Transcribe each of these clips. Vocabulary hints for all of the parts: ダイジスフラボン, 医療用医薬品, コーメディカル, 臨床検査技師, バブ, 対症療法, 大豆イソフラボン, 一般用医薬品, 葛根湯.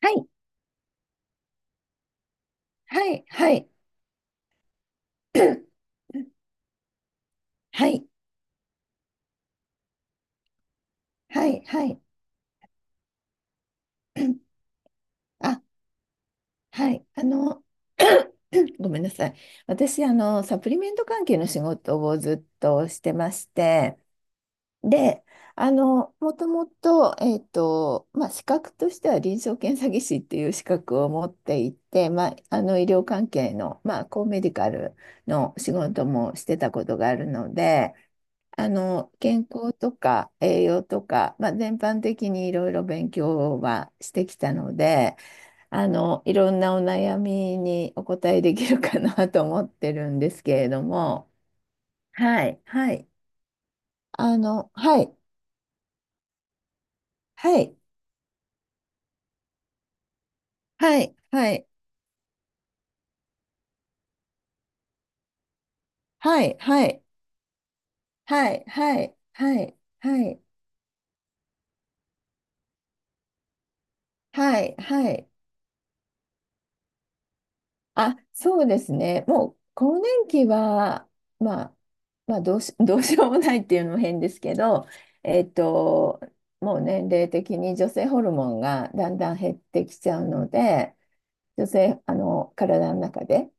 はい、はい、はい。はい、はい、はい。あ、はい。ごめんなさい。私、サプリメント関係の仕事をずっとしてまして、で、あの、もともと、えっと、まあ、資格としては臨床検査技師っていう資格を持っていて、医療関係の、コーメディカルの仕事もしてたことがあるので、健康とか栄養とか、全般的にいろいろ勉強はしてきたので、いろんなお悩みにお答えできるかな と思ってるんですけれども、はい、はい、はい、はい、はい、はい、はい、はい、はい、はい、はい、はい、はい、はい、あ、そうですね。もう、更年期は、まあ、まあどうし、どうしようもないっていうのも変ですけど、えっと、もう年齢的に女性ホルモンがだんだん減ってきちゃうので、女性、あの、体の中で。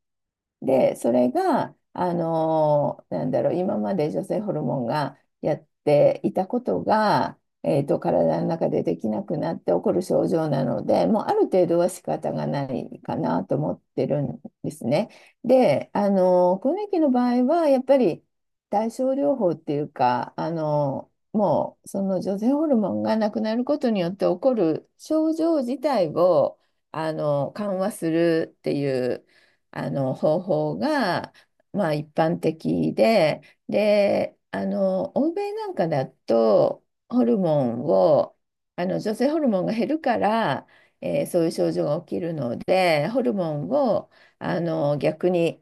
で、それが、なんだろう、今まで女性ホルモンがやっていたことが、体の中でできなくなって起こる症状なので、もうある程度は仕方がないかなと思ってるんですね。で、更年期の場合は、やっぱり対症療法っていうか、もうその女性ホルモンがなくなることによって起こる症状自体を緩和するっていう方法が、一般的で、で、欧米なんかだとホルモンをあの女性ホルモンが減るから、そういう症状が起きるのでホルモンを逆に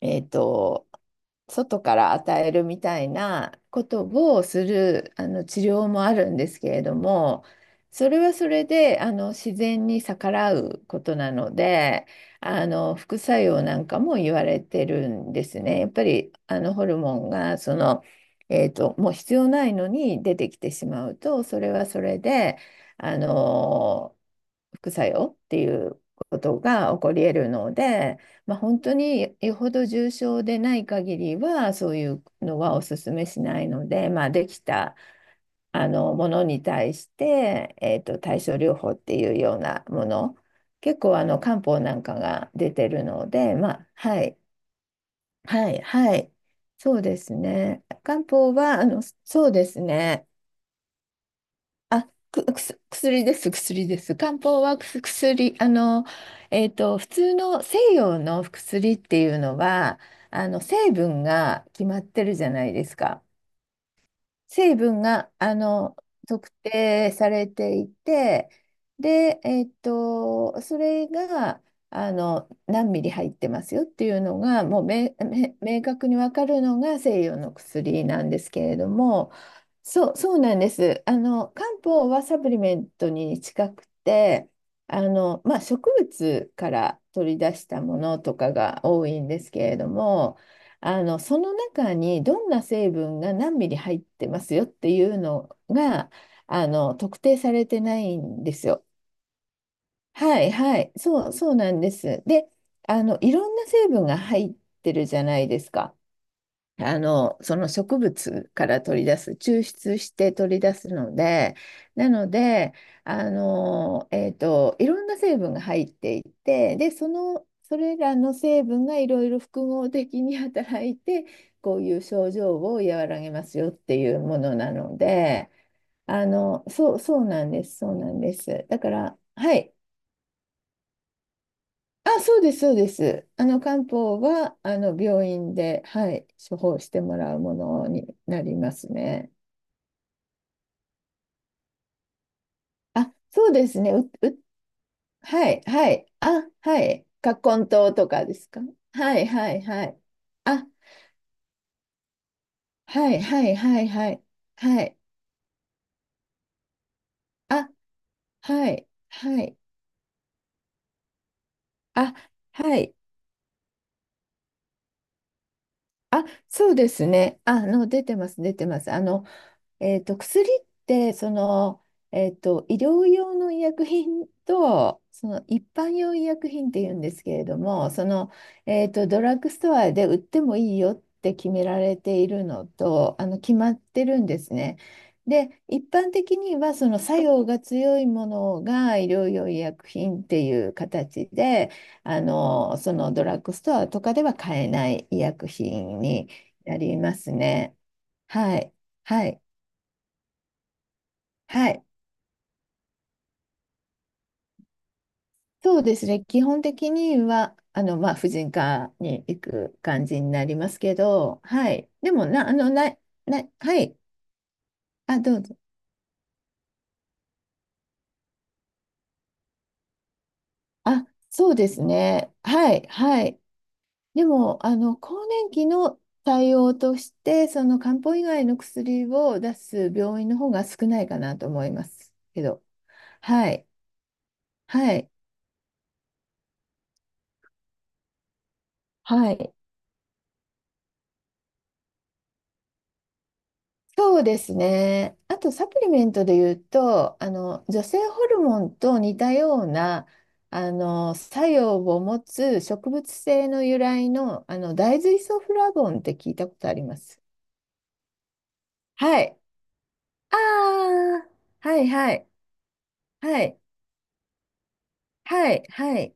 えっと、外から与えるみたいなことをする治療もあるんですけれども、それはそれで自然に逆らうことなので、副作用なんかも言われてるんですね。やっぱりホルモンがもう必要ないのに出てきてしまうと、それはそれで、あの副作用っていうことが起こり得るので。まあ、本当によほど重症でない限りはそういうのはお勧めしないので、まあ、できたものに対して、対症療法っていうようなもの結構漢方なんかが出てるので、まあ、はいはいはいそうですね漢方はそうですねあ、く、くす、薬です、薬です。漢方はくす薬、普通の西洋の薬っていうのは、成分が決まってるじゃないですか。成分が、特定されていて、で、それが、何ミリ入ってますよっていうのが、もう明確にわかるのが西洋の薬なんですけれども、そう、そうなんです。漢方はサプリメントに近くて、植物から取り出したものとかが多いんですけれども、その中にどんな成分が何ミリ入ってますよっていうのが、特定されてないんですよ。はいはい、そう、そうなんです。で、いろんな成分が入ってるじゃないですか。その植物から取り出す、抽出して取り出すので、なので、いろんな成分が入っていて、で、それらの成分がいろいろ複合的に働いて、こういう症状を和らげますよっていうものなので、そう、そうなんです、そうなんです。だから、はい、あ、そうです、そうです。漢方は病院で、はい、処方してもらうものになりますね。あ、そうですね。はい、はい。あ、はい。葛根湯とかですか。はい、はい、はい。あ、はい、はい、はい、はい。はい。あ、はい、はい。あ、はい。あ、そうですね。出てます、出てます。薬って、医療用の医薬品と、その一般用医薬品っていうんですけれども、ドラッグストアで売ってもいいよって決められているのと、決まってるんですね。で、一般的には、その作用が強いものが医療用医薬品っていう形で、そのドラッグストアとかでは買えない医薬品になりますね。はい。はい。はい、そうですね。基本的には、婦人科に行く感じになりますけど、はい。でも、な、あの、な、な、はい。あ、どうぞ。あ、そうですね。はい、はい。でも、更年期の対応として、その漢方以外の薬を出す病院の方が少ないかなと思いますけど、はい、はい、はい。そうですね。あとサプリメントで言うと、女性ホルモンと似たような作用を持つ植物性の由来の、大豆イソフラボンって聞いたことあります。はい。ああ、はいはいはいはいはい。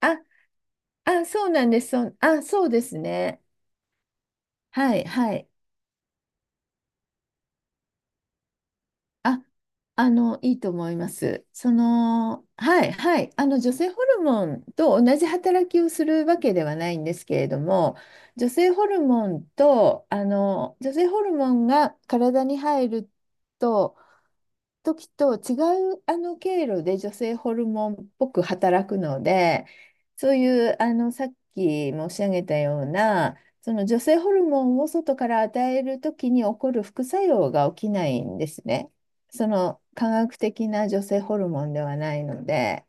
あ、あ、そうなんです。そう、あ、そうですね。はいはい。あ、いいと思います。はい、はい、女性ホルモンと同じ働きをするわけではないんですけれども、女性ホルモンが体に入ると、時と違う経路で女性ホルモンっぽく働くので、そういうさっき申し上げたような、その女性ホルモンを外から与える時に起こる副作用が起きないんですね。その科学的な女性ホルモンではないので。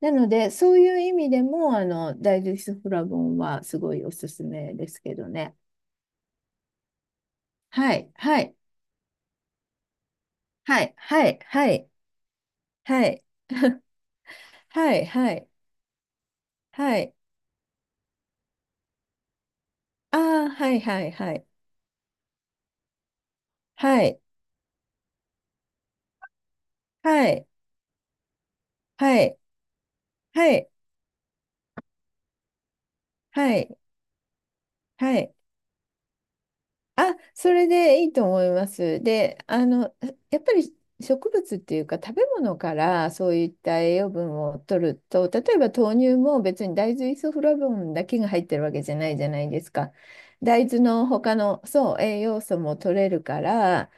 なので、そういう意味でも、ダイジスフラボンはすごいおすすめですけどね。はい、はい、はい、はい、はい、はい。はい、はい。はい。ああ、はいはいはい。はい。はい。はい。はい。はい。はい。あ、それでいいと思います。で、やっぱり植物っていうか食べ物からそういった栄養分を取ると、例えば豆乳も別に大豆イソフラボンだけが入ってるわけじゃないじゃないですか。大豆の他の、そう、栄養素も取れるから、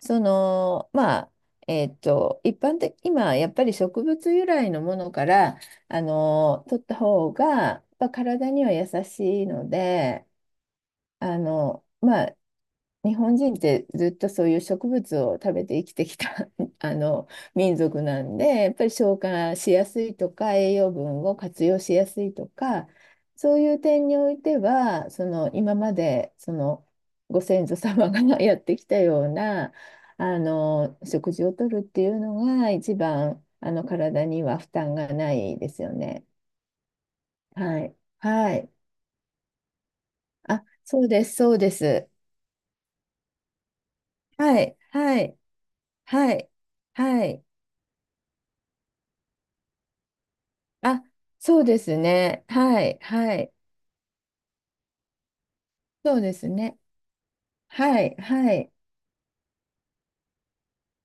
そのまあ一般的今やっぱり植物由来のものから取った方がやっぱ体には優しいのであのまあ日本人ってずっとそういう植物を食べて生きてきた あの民族なんで、やっぱり消化しやすいとか、栄養分を活用しやすいとか、そういう点においては、その今までそのご先祖様が やってきたような食事をとるっていうのが一番体には負担がないですよね。はい。はい。あ、そうです、そうです。はい、はい、はい、はい。あ、そうですね。はい、はい。そうですね。はい、はい。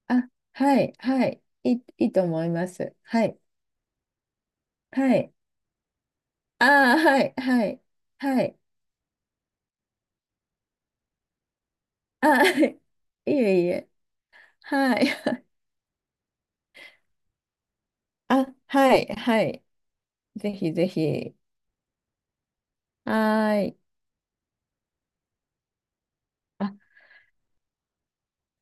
あ、はい、はい。いいと思います。はい、はい。ああ、はい、はい、はい。ああ、はい。いえいえ。はい。あ、はい、はい。ぜひぜひ。はーい。あ、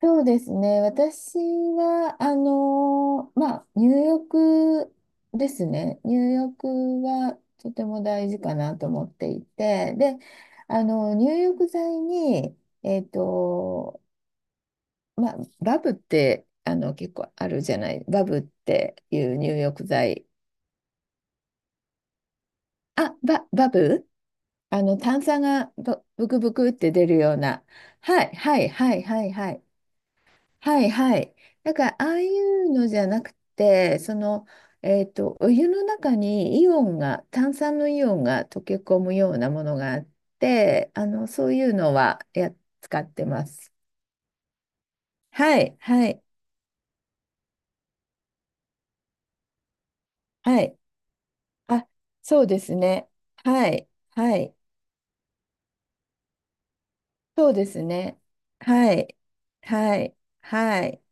そうですね。私は、入浴ですね。入浴はとても大事かなと思っていて、で、入浴剤に、えっと、バブって、結構あるじゃない。バブっていう入浴剤。あ、バブ炭酸がブブクブクって出るような。はい、はい、はい、はい、はい。はいはい。だからああいうのじゃなくて、お湯の中にイオンが、炭酸のイオンが溶け込むようなものがあって、そういうのは使ってます。はい、はい、はい。あ、そうですね。はい、はい。そうですね。はい、はい、はい。